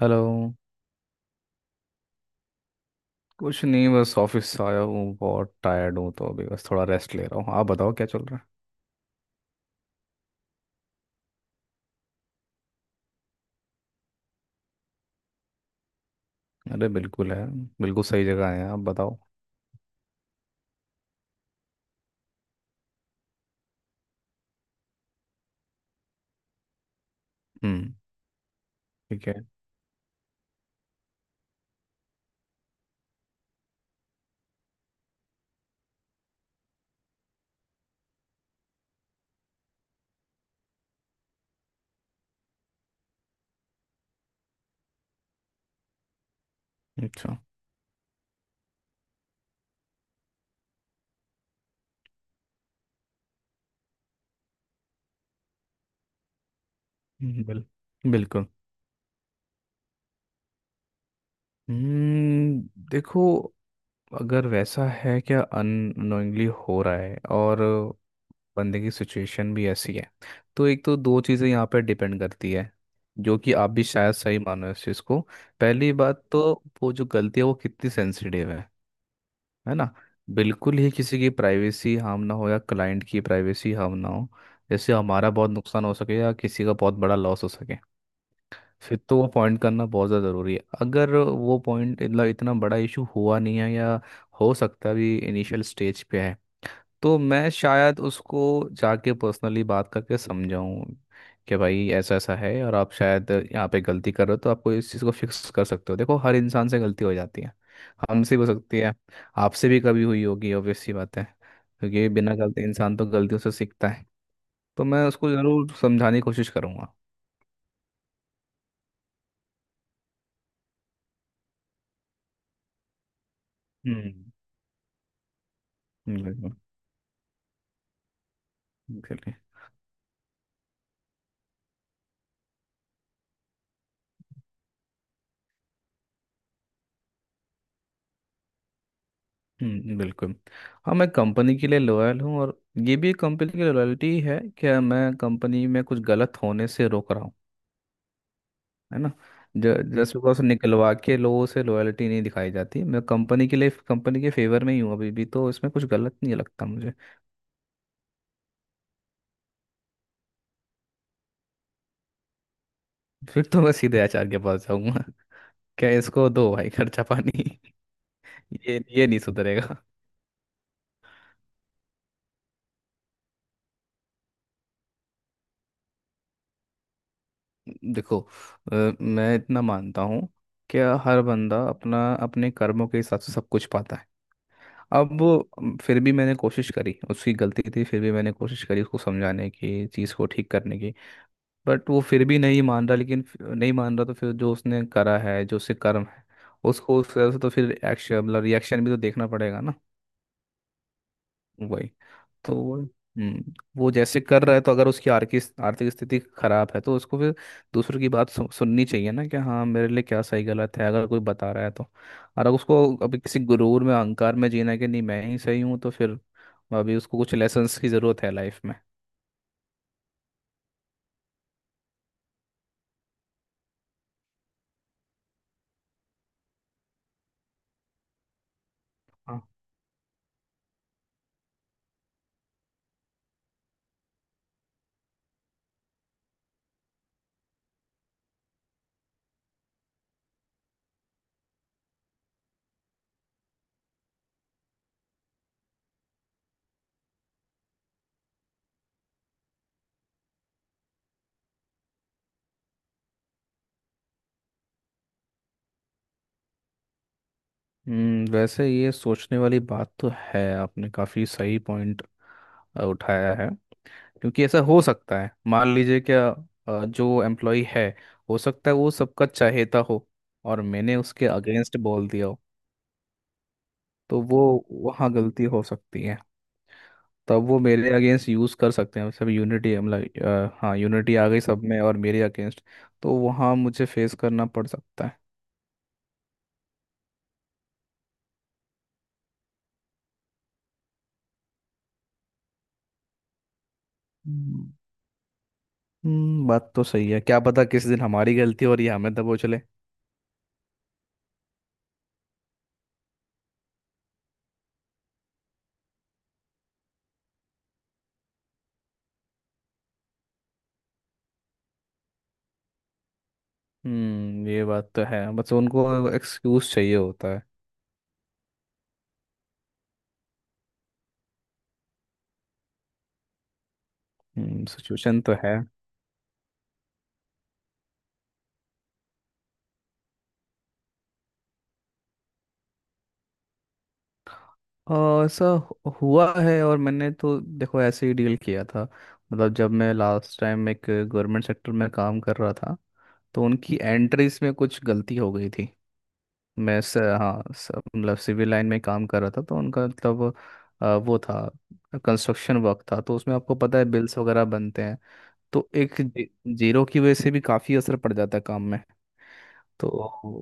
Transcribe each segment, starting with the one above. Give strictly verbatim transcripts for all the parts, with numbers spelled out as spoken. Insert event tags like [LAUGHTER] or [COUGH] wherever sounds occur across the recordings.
Hello. कुछ नहीं, बस ऑफिस से आया हूँ, बहुत टायर्ड हूँ, तो अभी बस थोड़ा रेस्ट ले रहा हूँ। आप बताओ क्या चल रहा है। अरे बिल्कुल है। बिल्कुल सही जगह है, आप बताओ। हम्म। ठीक है। अच्छा। हम्म, बिल बिल्कुल हम्म। देखो, अगर वैसा है, क्या अननोइंगली हो रहा है, और बंदे की सिचुएशन भी ऐसी है, तो एक तो दो चीज़ें यहाँ पर डिपेंड करती है, जो कि आप भी शायद सही मानो इस चीज़ को। पहली बात तो, वो जो गलती है वो कितनी सेंसिटिव है है ना। बिल्कुल ही किसी की प्राइवेसी हार्म ना हो या क्लाइंट की प्राइवेसी हार्म ना हो, जैसे हमारा बहुत नुकसान हो सके या किसी का बहुत बड़ा लॉस हो सके, फिर तो वो पॉइंट करना बहुत ज़्यादा ज़रूरी है। अगर वो पॉइंट मतलब इतना बड़ा इशू हुआ नहीं है, या हो सकता है अभी इनिशियल स्टेज पे है, तो मैं शायद उसको जाके पर्सनली बात करके समझाऊं कि भाई ऐसा ऐसा है और आप शायद यहाँ पे गलती कर रहे हो, तो आपको इस चीज़ को फिक्स कर सकते हो। देखो हर इंसान से गलती हो जाती है, हमसे भी हो सकती है, आपसे भी कभी हुई होगी, ऑब्वियस सी बात है, क्योंकि बिना गलती इंसान तो गलतियों से सीखता है। तो मैं उसको ज़रूर समझाने की कोशिश करूँगा। हम्म। बिल्कुल। बिल्कुल। हम्म, बिल्कुल। हाँ, मैं कंपनी के लिए लॉयल हूँ, और ये भी कंपनी की लॉयल्टी है कि मैं कंपनी में कुछ गलत होने से रोक रहा हूँ, है ना। जस्ट बिकॉज निकलवा के लोगों से लॉयल्टी नहीं दिखाई जाती, मैं कंपनी के लिए, कंपनी के फेवर में ही हूँ अभी भी, तो इसमें कुछ गलत नहीं लगता मुझे। फिर तो मैं सीधे आचार्य के पास जाऊंगा। [LAUGHS] क्या इसको दो भाई खर्चा पानी। [LAUGHS] ये ये नहीं सुधरेगा। देखो, अ, मैं इतना मानता हूँ, क्या हर बंदा अपना अपने कर्मों के हिसाब से सब कुछ पाता है। अब वो, अम, फिर भी मैंने कोशिश करी, उसकी गलती थी, फिर भी मैंने कोशिश करी उसको समझाने की, चीज़ को ठीक करने की। बट वो फिर भी नहीं मान रहा, लेकिन फिर- नहीं मान रहा, तो फिर जो उसने करा है, जो उसके कर्म है, उसको उस तरह से, तो फिर एक्शन मतलब रिएक्शन भी तो देखना पड़ेगा ना। वही। तो वो, हम्म, वो जैसे कर रहा है, तो अगर उसकी आर्थिक आर्थिक स्थिति खराब है, तो उसको फिर दूसरों की बात सु, सुननी चाहिए ना, कि हाँ मेरे लिए क्या सही गलत है अगर कोई बता रहा है तो। और अगर उसको अभी किसी गुरूर में, अहंकार में जीना है कि नहीं मैं ही सही हूँ, तो फिर अभी उसको कुछ लेसन्स की ज़रूरत है लाइफ में। हम्म, वैसे ये सोचने वाली बात तो है, आपने काफ़ी सही पॉइंट उठाया है। क्योंकि ऐसा हो सकता है, मान लीजिए क्या, अ, जो एम्प्लॉय है, हो सकता है वो सबका चाहेता हो और मैंने उसके अगेंस्ट बोल दिया हो, तो वो वहाँ गलती हो सकती है। तब वो मेरे अगेंस्ट यूज़ कर सकते हैं, सब यूनिटी मतलब अ, हाँ, यूनिटी आ गई सब में और मेरे अगेंस्ट, तो वहाँ मुझे फेस करना पड़ सकता है। हम्म। हम्म, बात तो सही है, क्या पता किस दिन हमारी गलती हो और ये हमें दबोच ले। हम्म, ये बात तो है, बस उनको एक्सक्यूज चाहिए होता है। हम्म, सिचुएशन तो है। और ऐसा हु- हुआ है, और मैंने तो देखो ऐसे ही डील किया था, मतलब जब मैं लास्ट टाइम एक गवर्नमेंट सेक्टर में काम कर रहा था, तो उनकी एंट्रीज में कुछ गलती हो गई थी। मैं स, हाँ, स, मतलब सिविल लाइन में काम कर रहा था, तो उनका मतलब अ, वो था, कंस्ट्रक्शन वर्क था, तो उसमें आपको पता है बिल्स वगैरह बनते हैं। तो एक जी, जीरो की वजह से भी काफ़ी असर पड़ जाता है काम में। तो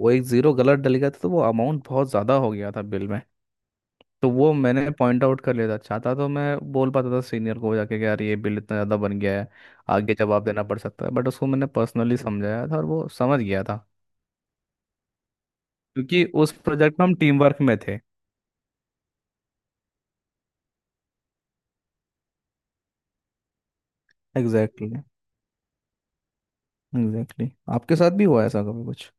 वो एक ज़ीरो गलत डल गया था, तो वो अमाउंट बहुत ज़्यादा हो गया था बिल में। तो वो मैंने पॉइंट आउट कर लिया था, चाहता तो मैं बोल पाता था सीनियर को जाके कि यार ये बिल इतना ज़्यादा बन गया है, आगे जवाब देना पड़ सकता है, बट उसको मैंने पर्सनली समझाया था और वो समझ गया था, क्योंकि उस प्रोजेक्ट में हम टीम वर्क में थे। Exactly exactly, exactly exactly. आपके साथ भी हुआ ऐसा कभी कुछ।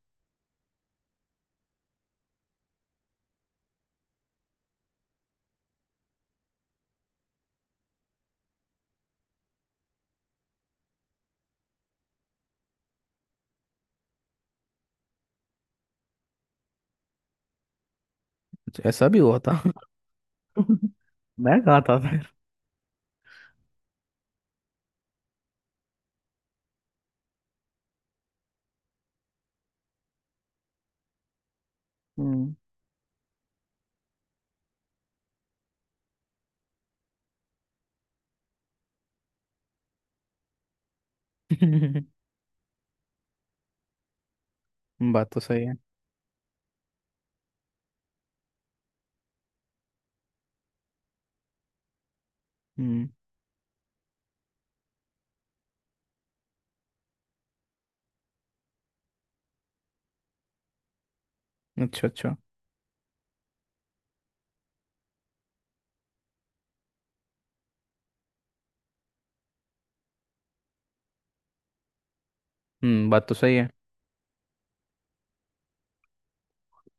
अच्छा, ऐसा भी हुआ था। [LAUGHS] मैं कहा था फिर। हम्म। [LAUGHS] बात तो सही है। हम्म। अच्छा अच्छा। हम्म, बात तो सही है।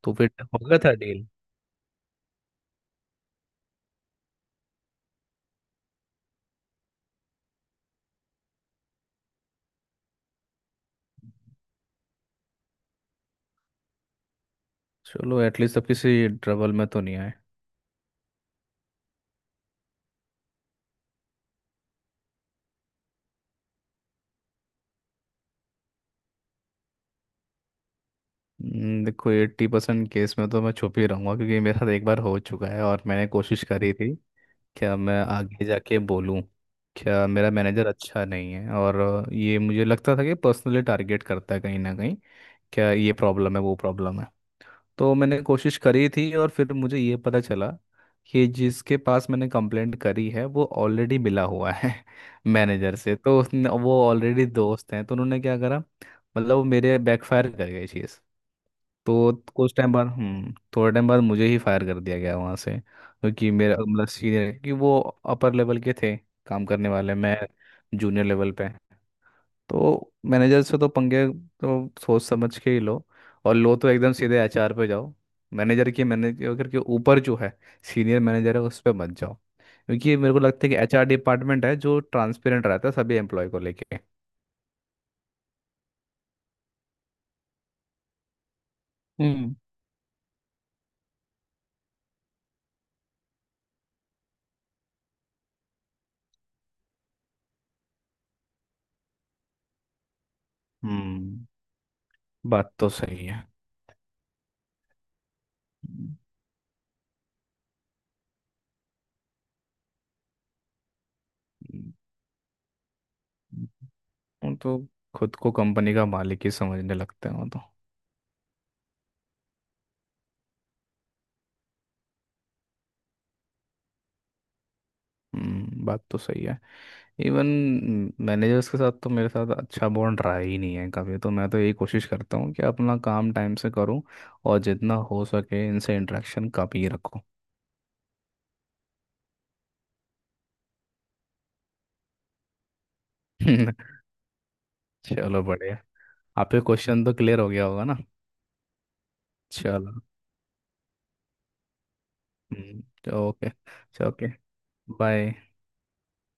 तो फिर हो गया था डील। चलो एटलीस्ट अब किसी ट्रबल में तो नहीं आए। हम्म, देखो, एट्टी परसेंट केस में तो मैं छुप ही रहूंगा, क्योंकि मेरे साथ एक बार हो चुका है और मैंने कोशिश करी थी, क्या मैं आगे जाके बोलूं, क्या मेरा मैनेजर अच्छा नहीं है, और ये मुझे लगता था कि पर्सनली टारगेट करता है कहीं ना कहीं, क्या ये प्रॉब्लम है वो प्रॉब्लम है, तो मैंने कोशिश करी थी, और फिर मुझे ये पता चला कि जिसके पास मैंने कंप्लेंट करी है वो ऑलरेडी मिला हुआ है। [LAUGHS] मैनेजर से, तो उसने वो ऑलरेडी दोस्त हैं, तो उन्होंने क्या करा, मतलब वो मेरे बैकफायर कर गई चीज़। तो कुछ टाइम बाद, हम्म, थोड़े टाइम बाद मुझे ही फायर कर दिया गया वहाँ से, क्योंकि मेरा मतलब सीनियर, क्योंकि वो अपर लेवल के थे, काम करने वाले मैं जूनियर लेवल पे। तो मैनेजर से तो पंगे तो सोच समझ के ही लो, और लो तो एकदम सीधे एच आर पे जाओ, मैनेजर के मैनेजर के ऊपर जो है सीनियर मैनेजर, है उस पर मत जाओ, क्योंकि मेरे को लगता है कि एच आर डिपार्टमेंट है जो ट्रांसपेरेंट रहता है सभी एम्प्लॉय को लेके। हम्म। हम्म, बात तो सही है। हम्म, हम्म। वो तो खुद को कंपनी का मालिक ही समझने लगते हैं वो तो। हम्म, बात तो सही है। इवन मैनेजर्स के साथ तो मेरे साथ अच्छा बॉन्ड रहा ही नहीं है कभी, तो मैं तो यही कोशिश करता हूँ कि अपना काम टाइम से करूँ, और जितना हो सके इनसे इंटरेक्शन कम ही रखूँ। [LAUGHS] चलो बढ़िया, आपके क्वेश्चन तो क्लियर हो गया होगा ना। चलो, हम्म, ओके। Okay, bye.